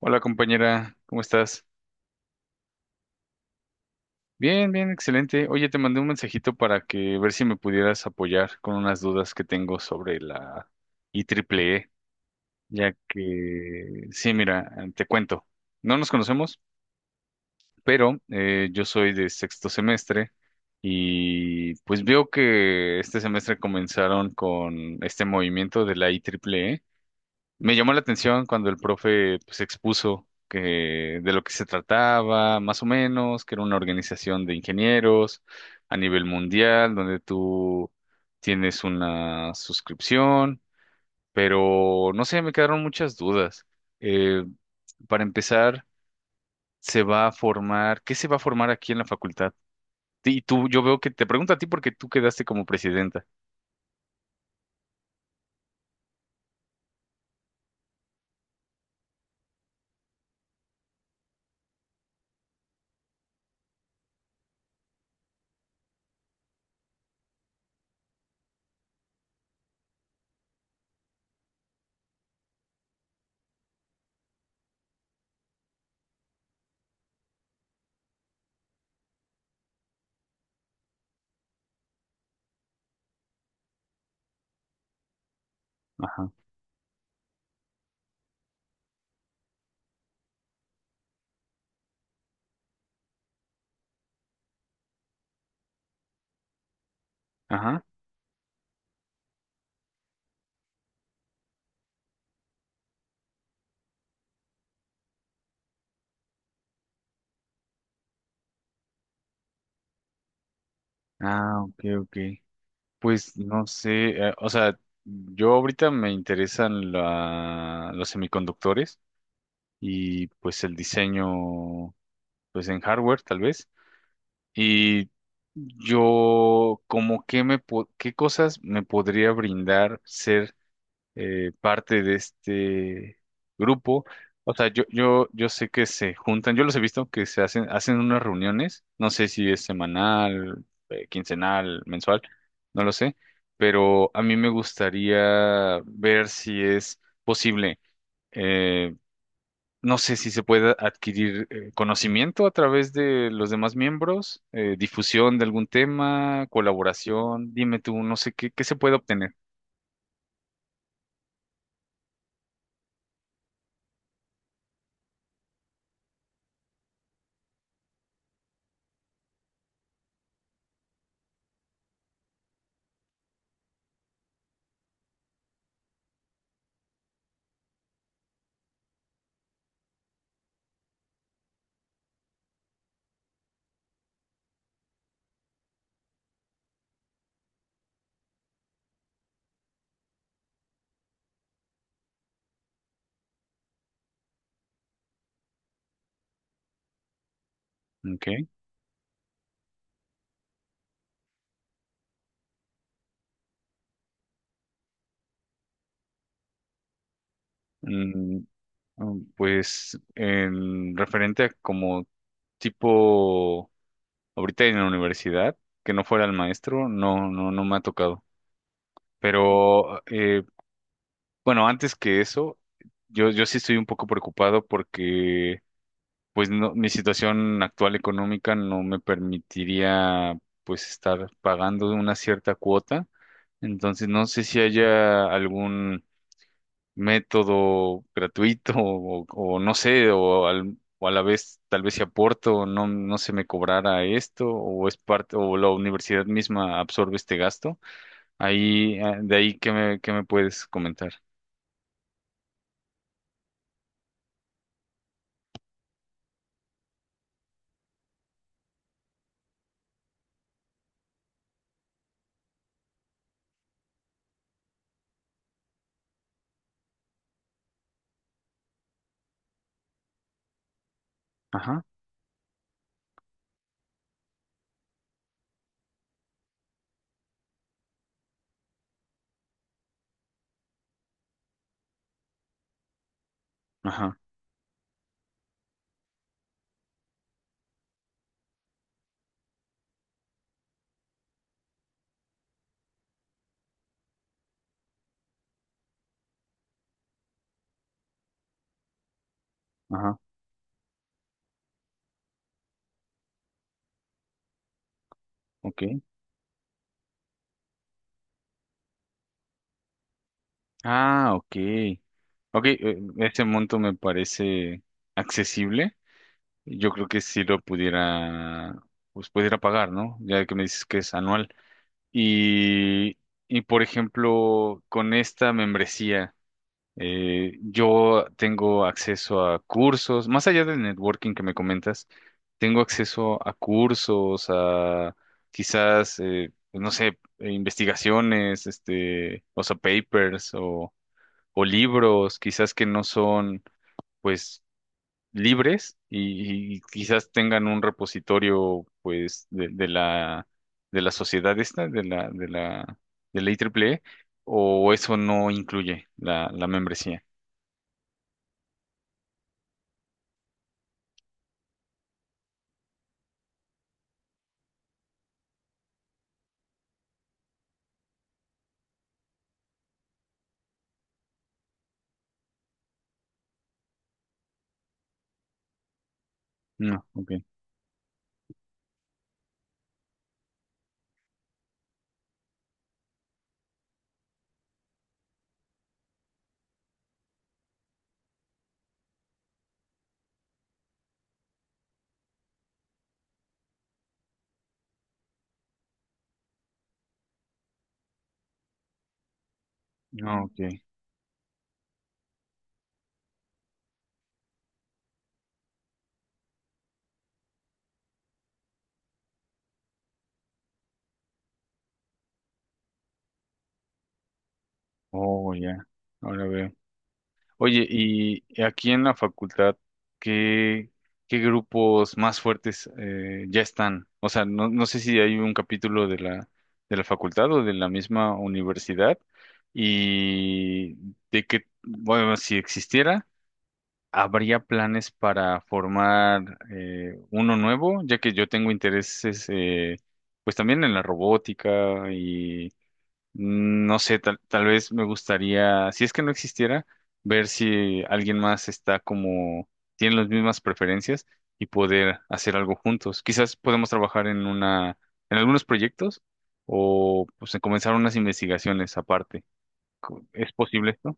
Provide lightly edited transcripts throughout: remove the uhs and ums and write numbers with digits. Hola compañera, ¿cómo estás? Bien, bien, excelente. Oye, te mandé un mensajito para que ver si me pudieras apoyar con unas dudas que tengo sobre la i triple e, ya que, sí, mira, te cuento, no nos conocemos, pero yo soy de sexto semestre y pues veo que este semestre comenzaron con este movimiento de la i triple e. Me llamó la atención cuando el profe pues, expuso que de lo que se trataba, más o menos, que era una organización de ingenieros a nivel mundial, donde tú tienes una suscripción, pero no sé, me quedaron muchas dudas. Eh, para empezar, se va a formar, ¿qué se va a formar aquí en la facultad? Y tú, yo veo que te pregunto a ti porque tú quedaste como presidenta. Ajá, ajá. Ah, ok, ok. Pues no sé, o sea, yo ahorita me interesan los semiconductores y pues el diseño, pues en hardware tal vez. Y yo como que qué cosas me podría brindar ser parte de este grupo. O sea, yo sé que se juntan, yo los he visto que se hacen, hacen unas reuniones, no sé si es semanal, quincenal, mensual, no lo sé, pero a mí me gustaría ver si es posible, eh, no sé si se puede adquirir conocimiento a través de los demás miembros, difusión de algún tema, colaboración, dime tú, no sé qué, qué se puede obtener. Ok. Mm. Mm. Pues en referente a como tipo ahorita en la universidad, que no fuera el maestro, no me ha tocado. Pero bueno, antes que eso, yo sí estoy un poco preocupado porque pues no, mi situación actual económica no me permitiría pues estar pagando una cierta cuota. Entonces no sé si haya algún método gratuito o no sé, o a la vez tal vez si aporto, no, no se me cobrara esto o es parte o la universidad misma absorbe este gasto. Ahí, de ahí, ¿qué me puedes comentar? Ajá, ajá, ajá, ok. Ah, ok. Ok, ese monto me parece accesible. Yo creo que sí lo pudiera, pues pudiera pagar, ¿no? Ya que me dices que es anual. Y, y, por ejemplo, con esta membresía, yo tengo acceso a cursos, más allá del networking que me comentas, tengo acceso a cursos, a quizás, no sé, investigaciones, este, o sea, papers o libros, quizás que no son, pues, libres y quizás tengan un repositorio pues de la sociedad esta, de la IEEE o eso no incluye la, la membresía. No, ok. No, ok. Oh, ya. Ahora veo. Oye, y aquí en la facultad, ¿qué, qué grupos más fuertes ya están? O sea, no, no sé si hay un capítulo de la facultad o de la misma universidad y de que, bueno, si existiera, ¿habría planes para formar uno nuevo? Ya que yo tengo intereses, pues también en la robótica. Mm. No sé, tal, tal vez me gustaría, si es que no existiera, ver si alguien más está como, tiene las mismas preferencias y poder hacer algo juntos. Quizás podemos trabajar en una, en algunos proyectos o pues en comenzar unas investigaciones aparte. ¿Es posible esto?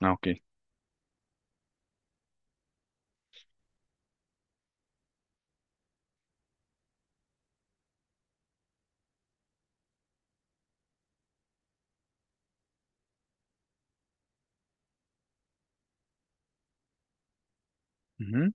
Ah, ok. Ujú,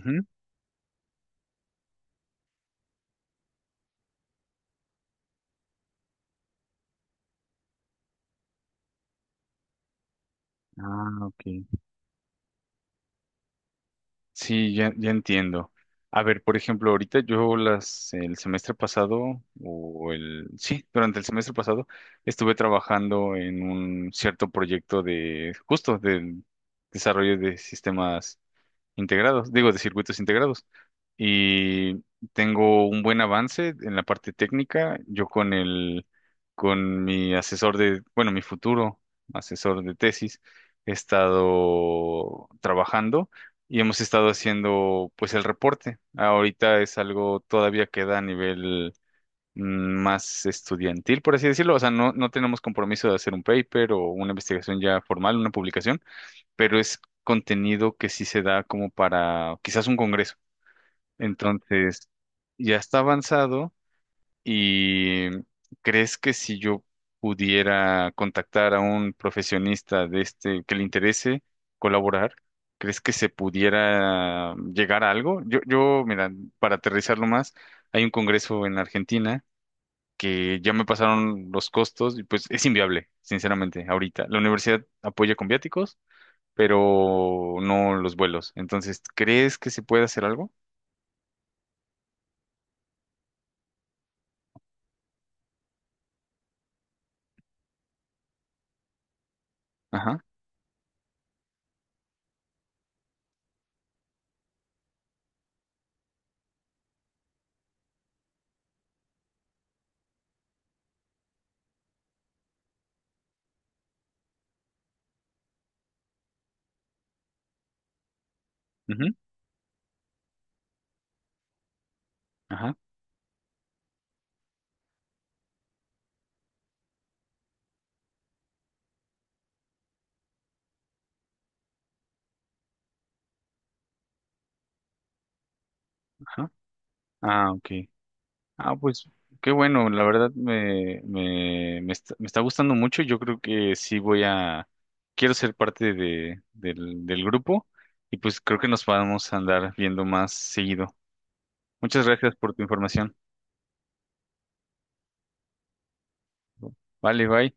ujú. Ah, ok. Sí, ya, ya entiendo. A ver, por ejemplo, el semestre pasado, sí, durante el semestre pasado, estuve trabajando en un cierto proyecto de, justo, del desarrollo de sistemas integrados, digo, de circuitos integrados. Y tengo un buen avance en la parte técnica. Con mi mi futuro asesor de tesis, he estado trabajando y hemos estado haciendo, pues, el reporte. Ahorita es algo todavía queda a nivel más estudiantil, por así decirlo. O sea, no, no tenemos compromiso de hacer un paper o una investigación ya formal, una publicación, pero es contenido que sí se da como para quizás un congreso. Entonces, ya está avanzado y ¿crees que si yo pudiera contactar a un profesionista de este que le interese colaborar, ¿crees que se pudiera llegar a algo? Mira, para aterrizarlo más, hay un congreso en Argentina que ya me pasaron los costos y pues es inviable, sinceramente, ahorita. La universidad apoya con viáticos pero no los vuelos. Entonces, ¿crees que se puede hacer algo? Ajá, ujú, ajá, ajá. Ah, ok. Ah, pues qué bueno, la verdad me está gustando mucho. Yo creo que sí voy a, quiero ser parte de, del, del grupo y pues creo que nos vamos a andar viendo más seguido. Muchas gracias por tu información. Vale, bye.